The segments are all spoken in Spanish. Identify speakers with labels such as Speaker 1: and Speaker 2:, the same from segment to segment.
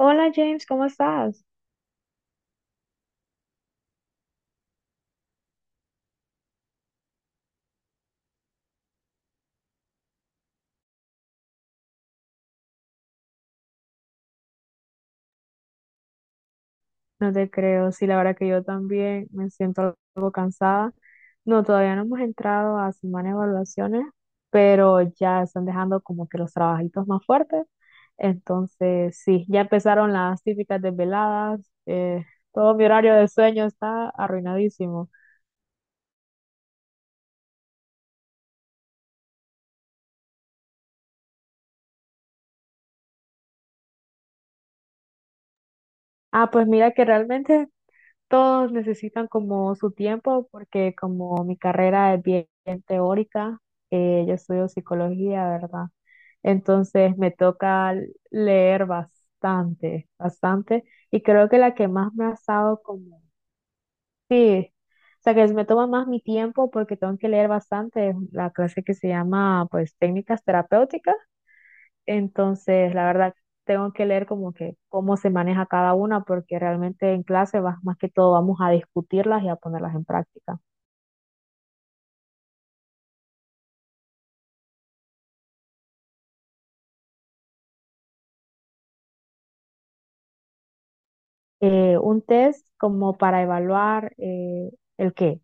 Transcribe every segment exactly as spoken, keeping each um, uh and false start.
Speaker 1: Hola James, ¿cómo estás? No te creo, sí, la verdad que yo también me siento algo cansada. No, todavía no hemos entrado a semana de evaluaciones, pero ya están dejando como que los trabajitos más fuertes. Entonces, sí, ya empezaron las típicas desveladas. Eh, todo mi horario de sueño está arruinadísimo. Ah, pues mira que realmente todos necesitan como su tiempo porque como mi carrera es bien, bien teórica, eh, yo estudio psicología, ¿verdad? Entonces me toca leer bastante, bastante y creo que la que más me ha estado como, sí, o sea que me toma más mi tiempo porque tengo que leer bastante, es la clase que se llama pues técnicas terapéuticas. Entonces, la verdad, tengo que leer como que cómo se maneja cada una, porque realmente en clase vas- más que todo vamos a discutirlas y a ponerlas en práctica. Eh, un test como para evaluar eh, el qué.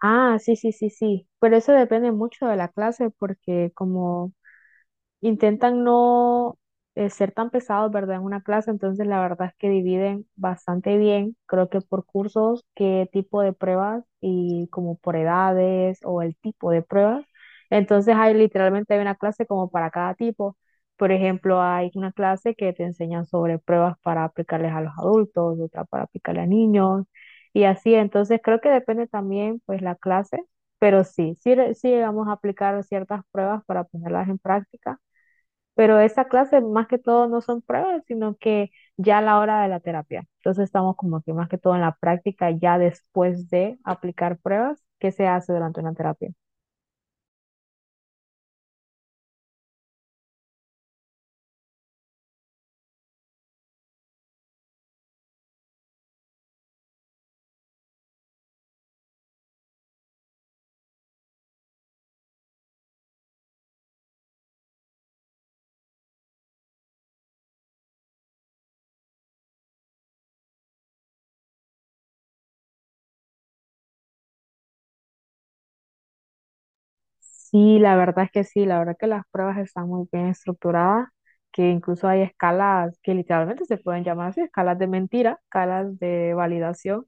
Speaker 1: Ah, sí, sí, sí, sí. Pero eso depende mucho de la clase, porque como intentan no eh, ser tan pesados, ¿verdad? En una clase, entonces la verdad es que dividen bastante bien, creo que por cursos, qué tipo de pruebas y como por edades o el tipo de pruebas. Entonces hay literalmente hay una clase como para cada tipo. Por ejemplo, hay una clase que te enseñan sobre pruebas para aplicarles a los adultos, otra para aplicarle a niños y así. Entonces creo que depende también pues la clase, pero sí, sí, sí llegamos a aplicar ciertas pruebas para ponerlas en práctica. Pero esta clase más que todo no son pruebas, sino que ya a la hora de la terapia. Entonces estamos como que más que todo en la práctica, ya después de aplicar pruebas, ¿qué se hace durante una terapia? Sí, la verdad es que sí, la verdad que las pruebas están muy bien estructuradas, que incluso hay escalas que literalmente se pueden llamar así, escalas de mentira, escalas de validación,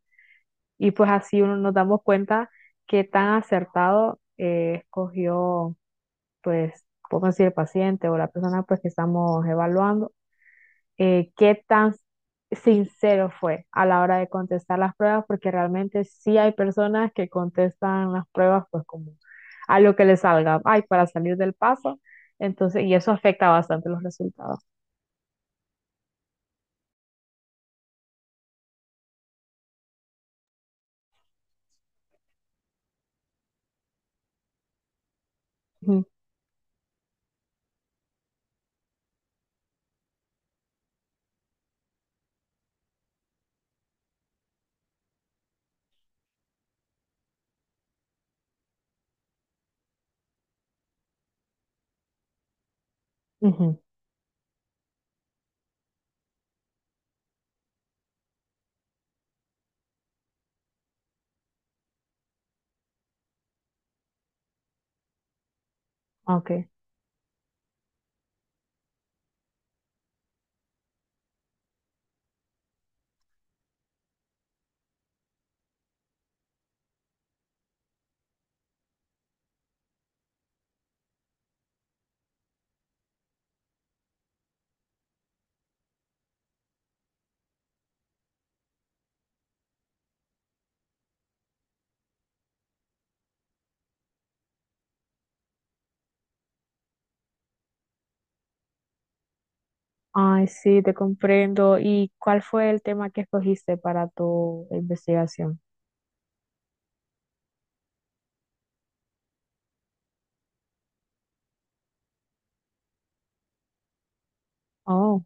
Speaker 1: y pues así uno nos damos cuenta qué tan acertado eh, escogió, pues, podemos decir, el paciente o la persona pues que estamos evaluando, eh, qué tan sincero fue a la hora de contestar las pruebas, porque realmente sí hay personas que contestan las pruebas pues como a lo que les salga, ay, para salir del paso, entonces, y eso afecta bastante los resultados. Ujú, ujú, ok. Ay, sí, te comprendo. ¿Y cuál fue el tema que escogiste para tu investigación? Oh,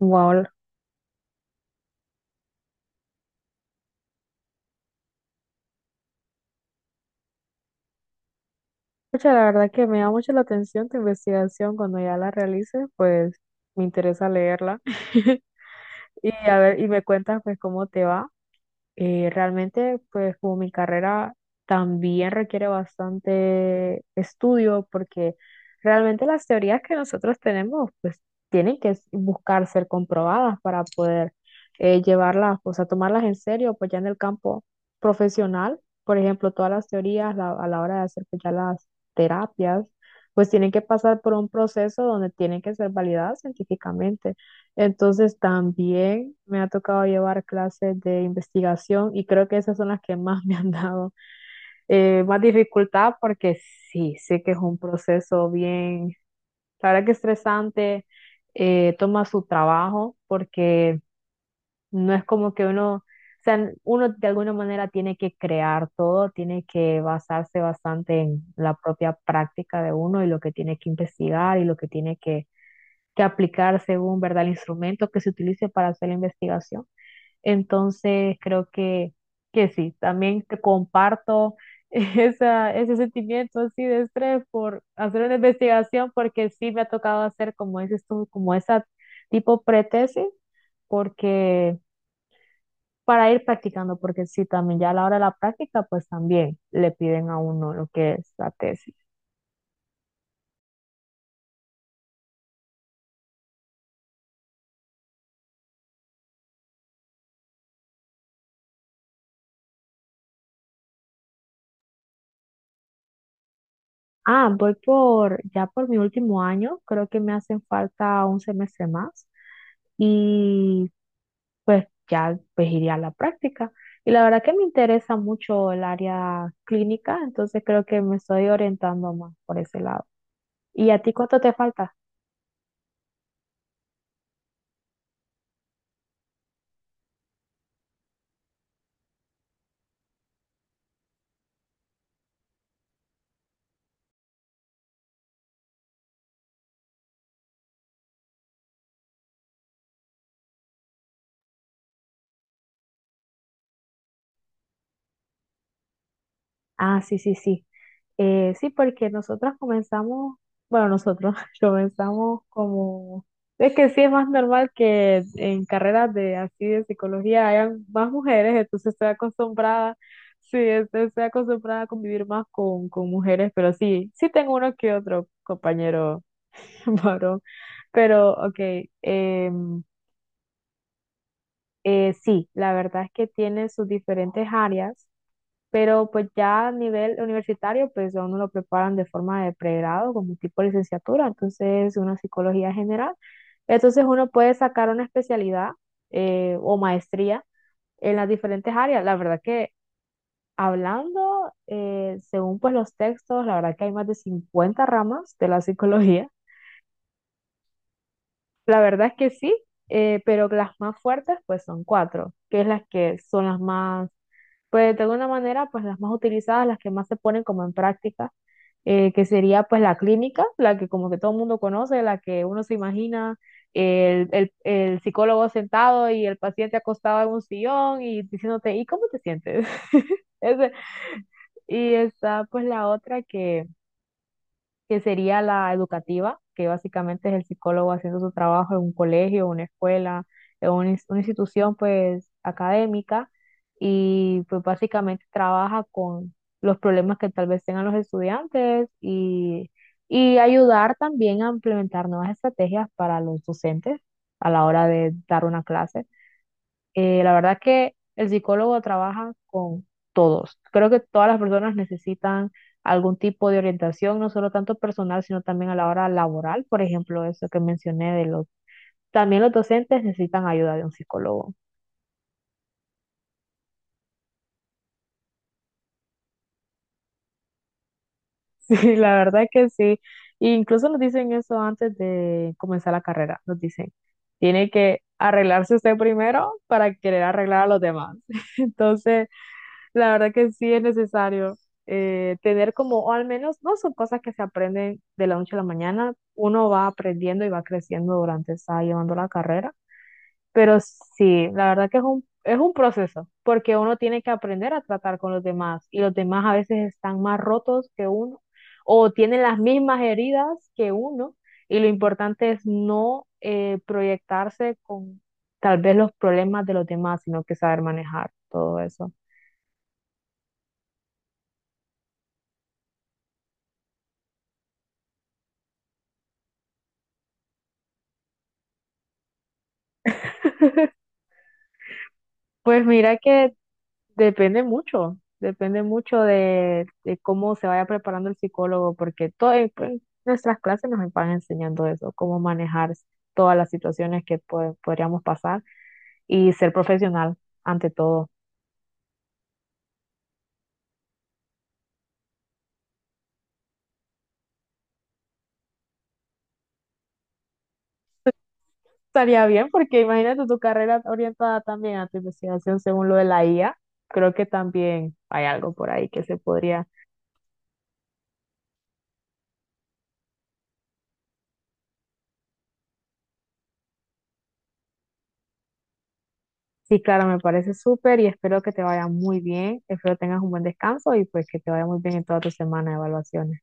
Speaker 1: wow. Pucha, la verdad que me da mucho la atención tu investigación. Cuando ya la realices, pues me interesa leerla. Y a ver, y me cuentas pues cómo te va. Eh, realmente pues como mi carrera también requiere bastante estudio porque realmente las teorías que nosotros tenemos pues tienen que s- buscar ser comprobadas para poder eh, llevarlas, o sea, tomarlas en serio pues ya en el campo profesional. Por ejemplo, todas las teorías la- a la hora de hacer pues ya las terapias pues tienen que pasar por un proceso donde tienen que ser validadas científicamente. Entonces también me ha tocado llevar clases de investigación y creo que esas son las que más me han dado eh, más dificultad porque sí, sé que es un proceso bien, la verdad que estresante, eh, toma su trabajo porque no es como que uno, o sea, uno de alguna manera tiene que crear todo, tiene que basarse bastante en la propia práctica de uno y lo que tiene que investigar y lo que tiene que que aplicar según, ¿verdad?, el instrumento que se utilice para hacer la investigación. Entonces, creo que, que sí, también te comparto esa, ese sentimiento así de estrés por hacer una investigación, porque sí me ha tocado hacer, como dices tú, como esa tipo pretesis, porque para ir practicando, porque sí, también ya a la hora de la práctica, pues también le piden a uno lo que es la tesis. Ah, voy por, ya por mi último año, creo que me hacen falta un semestre más y pues ya pues iré a la práctica. Y la verdad que me interesa mucho el área clínica, entonces creo que me estoy orientando más por ese lado. ¿Y a ti cuánto te falta? Ah, sí, sí, sí. Eh, sí, porque nosotros comenzamos, bueno, nosotros comenzamos como, es que sí es más normal que en carreras de así de psicología hayan más mujeres, entonces estoy acostumbrada, sí, este, estoy acostumbrada a convivir más con, con mujeres, pero sí, sí tengo uno que otro compañero varón, pero ok, em, eh, sí, la verdad es que tiene sus diferentes áreas, pero pues ya a nivel universitario, pues a uno lo preparan de forma de pregrado, como tipo licenciatura, entonces una psicología general. Entonces uno puede sacar una especialidad, eh, o maestría, en las diferentes áreas. La verdad que hablando, eh, según pues los textos, la verdad que hay más de cincuenta ramas de la psicología. La verdad es que sí, eh, pero las más fuertes pues son cuatro, que es las que son las más, pues de alguna manera pues las más utilizadas, las que más se ponen como en práctica, eh, que sería pues la clínica, la que como que todo el mundo conoce, la que uno se imagina, el, el, el psicólogo sentado y el paciente acostado en un sillón y diciéndote, ¿y cómo te sientes? Ese- y está pues la otra que que sería la educativa, que básicamente es el psicólogo haciendo su trabajo en un colegio, una escuela, en una, ins- una institución pues académica y pues básicamente trabaja con los problemas que tal vez tengan los estudiantes y, y ayudar también a implementar nuevas estrategias para los docentes a la hora de dar una clase. Eh, la verdad que el psicólogo trabaja con todos. Creo que todas las personas necesitan algún tipo de orientación, no solo tanto personal, sino también a la hora laboral. Por ejemplo, eso que mencioné de los... También los docentes necesitan ayuda de un psicólogo. Sí, la verdad que sí. E incluso nos dicen eso antes de comenzar la carrera. Nos dicen, tiene que arreglarse usted primero para querer arreglar a los demás. Entonces... La verdad que sí es necesario eh, tener como, o al menos, no son cosas que se aprenden de la noche a la mañana, uno va aprendiendo y va creciendo durante, está llevando la carrera, pero sí, la verdad que es un, es un proceso, porque uno tiene que aprender a tratar con los demás y los demás a veces están más rotos que uno o tienen las mismas heridas que uno y lo importante es no eh, proyectarse con tal vez los problemas de los demás, sino que saber manejar todo eso. Pues mira que depende mucho, depende mucho de, de cómo se vaya preparando el psicólogo, porque todo, en en nuestras clases nos van enseñando eso, cómo manejar todas las situaciones que po- podríamos pasar y ser profesional ante todo. Estaría bien, porque imagínate tu carrera orientada también a tu investigación según lo de la I A. Creo que también hay algo por ahí que se podría. Sí, claro, me parece súper y espero que te vaya muy bien, espero tengas un buen descanso y pues que te vaya muy bien en toda tu semana de evaluaciones.